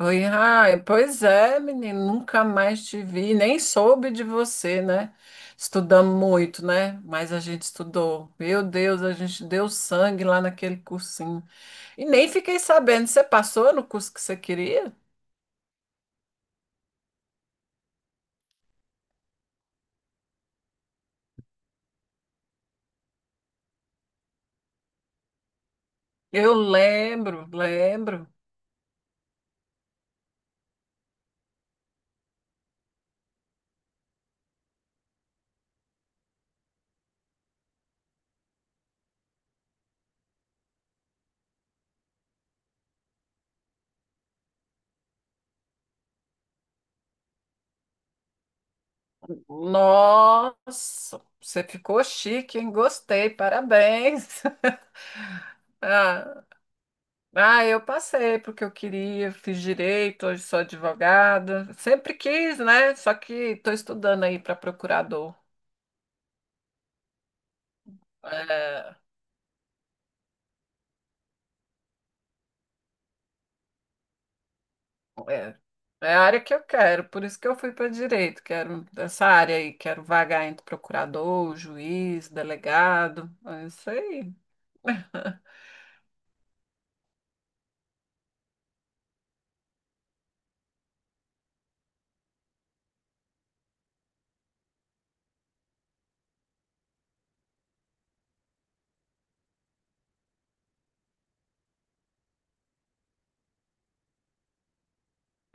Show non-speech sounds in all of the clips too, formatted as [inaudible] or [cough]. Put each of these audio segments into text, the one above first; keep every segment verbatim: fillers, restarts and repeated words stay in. Oi, Rai. Pois é, menino, nunca mais te vi, nem soube de você, né? Estudamos muito, né? Mas a gente estudou. Meu Deus, a gente deu sangue lá naquele cursinho. E nem fiquei sabendo, você passou no curso que você queria? Eu lembro, lembro. Nossa, você ficou chique, hein? Gostei, parabéns. [laughs] Ah. Ah, eu passei porque eu queria, fiz direito, hoje sou advogada. Sempre quis, né? Só que estou estudando aí para procurador. É, é, é a área que eu quero, por isso que eu fui para direito. Quero essa área aí, quero vagar entre procurador, juiz, delegado. É isso aí.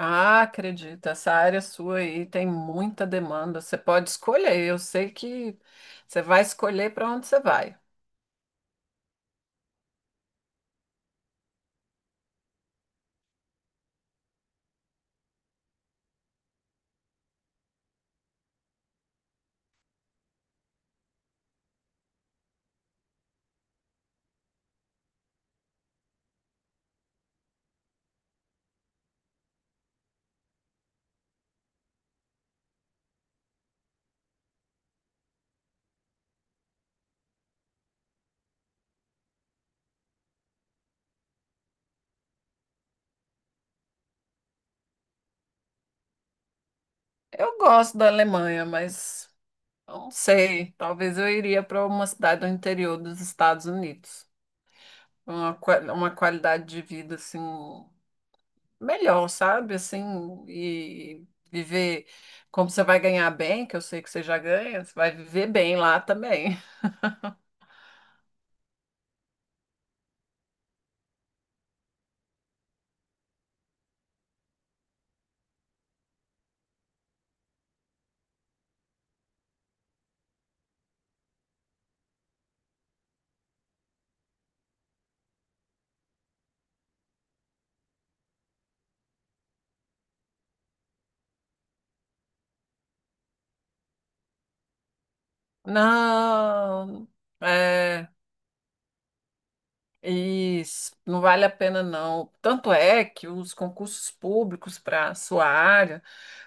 Ah, acredito, essa área sua aí tem muita demanda. Você pode escolher, eu sei que você vai escolher para onde você vai. Eu gosto da Alemanha, mas não sei, talvez eu iria para uma cidade do interior dos Estados Unidos. Uma, qua- uma qualidade de vida assim melhor, sabe? Assim, e viver, como você vai ganhar bem, que eu sei que você já ganha, você vai viver bem lá também. [laughs] Não, é. Isso, não vale a pena não. Tanto é que os concursos públicos para a sua área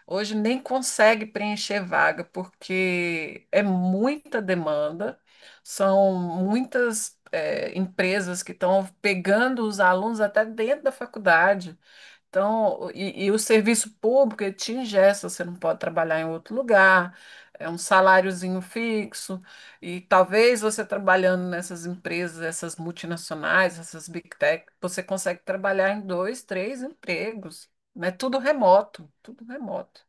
hoje nem consegue preencher vaga, porque é muita demanda, são muitas eh, empresas que estão pegando os alunos até dentro da faculdade. Então, e, e o serviço público, ele te engessa, você não pode trabalhar em outro lugar, é um saláriozinho fixo, e talvez você trabalhando nessas empresas, essas multinacionais, essas big tech, você consegue trabalhar em dois, três empregos, mas tudo remoto, tudo remoto.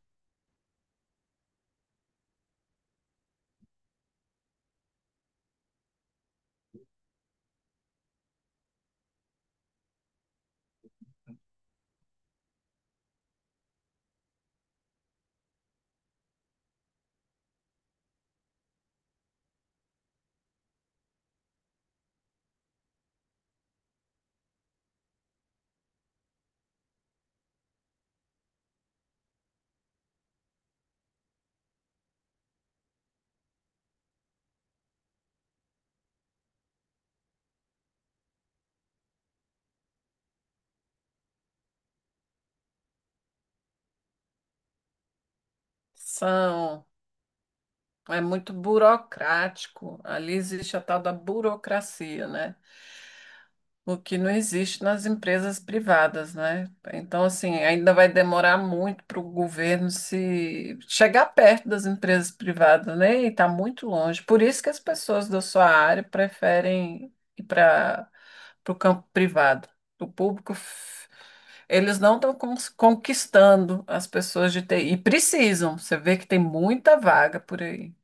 São, é muito burocrático, ali existe a tal da burocracia, né? O que não existe nas empresas privadas, né? Então, assim, ainda vai demorar muito para o governo se chegar perto das empresas privadas, né? E está muito longe. Por isso que as pessoas da sua área preferem ir para o campo privado. O público, f- eles não estão conquistando as pessoas de T I. E precisam. Você vê que tem muita vaga por aí.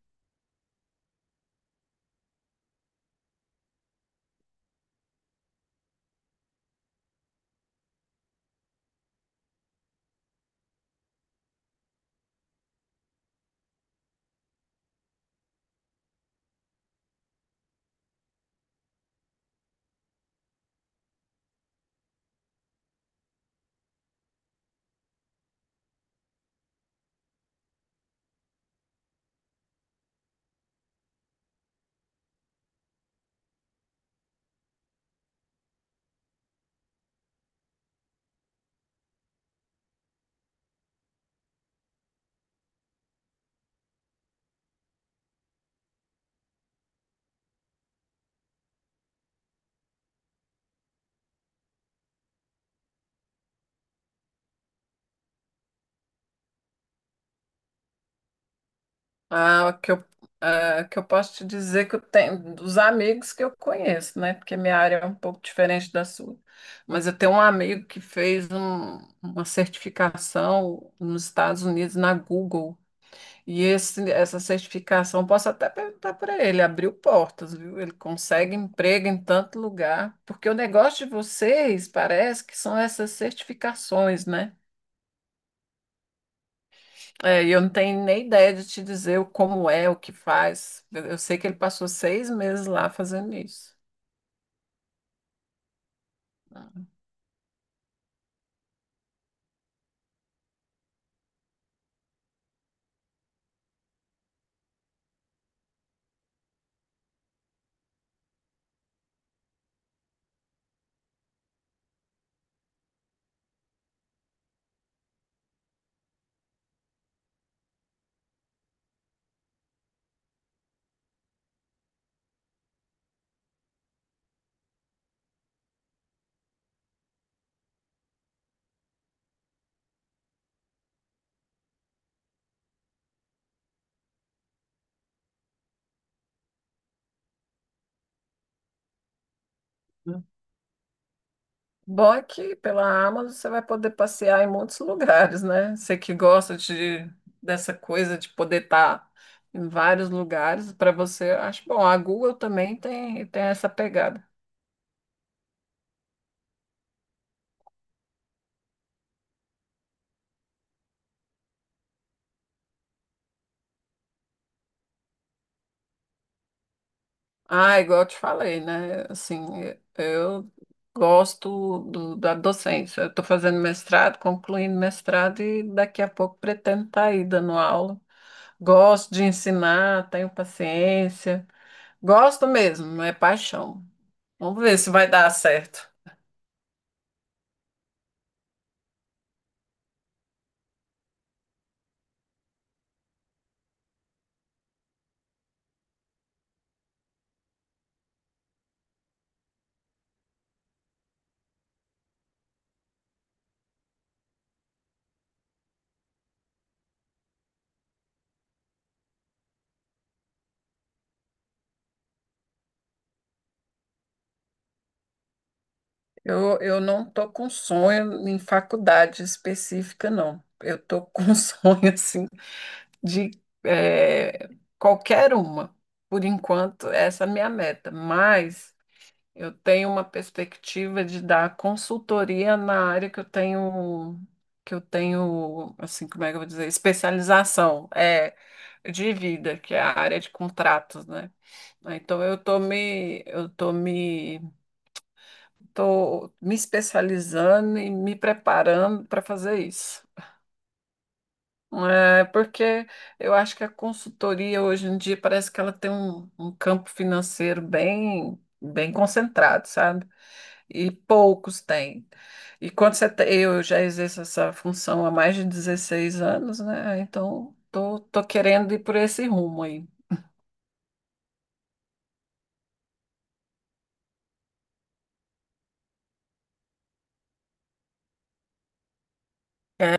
Ah, o que eu, ah, o que eu posso te dizer que eu tenho dos amigos que eu conheço, né? Porque minha área é um pouco diferente da sua. Mas eu tenho um amigo que fez um- uma certificação nos Estados Unidos na Google. E esse, essa certificação, posso até perguntar para ele, abriu portas, viu? Ele consegue emprego em tanto lugar. Porque o negócio de vocês parece que são essas certificações, né? É, e eu não tenho nem ideia de te dizer o- como é, o que faz. Eu eu sei que ele passou seis meses lá fazendo isso. Uhum. Bom é que pela Amazon você vai poder passear em muitos lugares, né? Você que gosta de, dessa coisa de poder estar em vários lugares, para você, eu acho bom. A Google também tem, tem essa pegada. Ah, igual eu te falei, né? Assim, eu gosto do- da docência. Eu estou fazendo mestrado, concluindo mestrado e daqui a pouco pretendo estar aí dando aula. Gosto de ensinar, tenho paciência. Gosto mesmo, é paixão. Vamos ver se vai dar certo. Eu, eu não estou com sonho em faculdade específica, não. Eu estou com [laughs] sonho, assim, de eh, qualquer uma. Por enquanto, essa é a minha meta. Mas eu tenho uma perspectiva de dar consultoria na área que eu tenho, que eu tenho, assim, como é que eu vou dizer, especialização, é, de vida, que é a área de contratos, né? Ah, então eu tô me, eu tô me, tô me especializando e me preparando para fazer isso. É, porque eu acho que a consultoria hoje em dia parece que ela tem um, um campo financeiro bem, bem concentrado, sabe? E poucos têm. E quando você te- eu já exerço essa função há mais de dezesseis anos, né? Então, tô, tô querendo ir por esse rumo aí. É,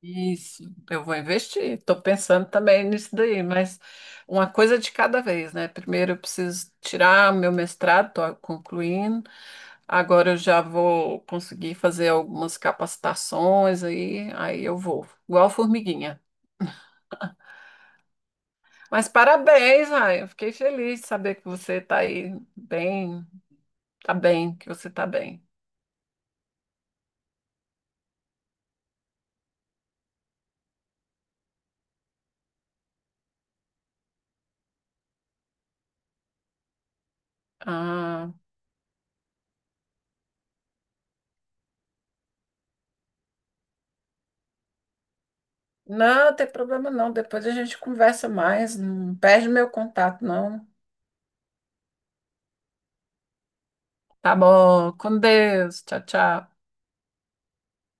isso, eu vou investir. Estou pensando também nisso daí, mas uma coisa de cada vez, né? Primeiro eu preciso tirar meu mestrado, estou concluindo. Agora eu já vou conseguir fazer algumas capacitações aí, aí eu vou, igual formiguinha. Mas parabéns, Ryan. Eu fiquei feliz de saber que você está aí bem, tá bem, que você está bem. Ah, não, tem problema não. Depois a gente conversa mais. Não perde meu contato, não. Tá bom. Com Deus. Tchau, tchau.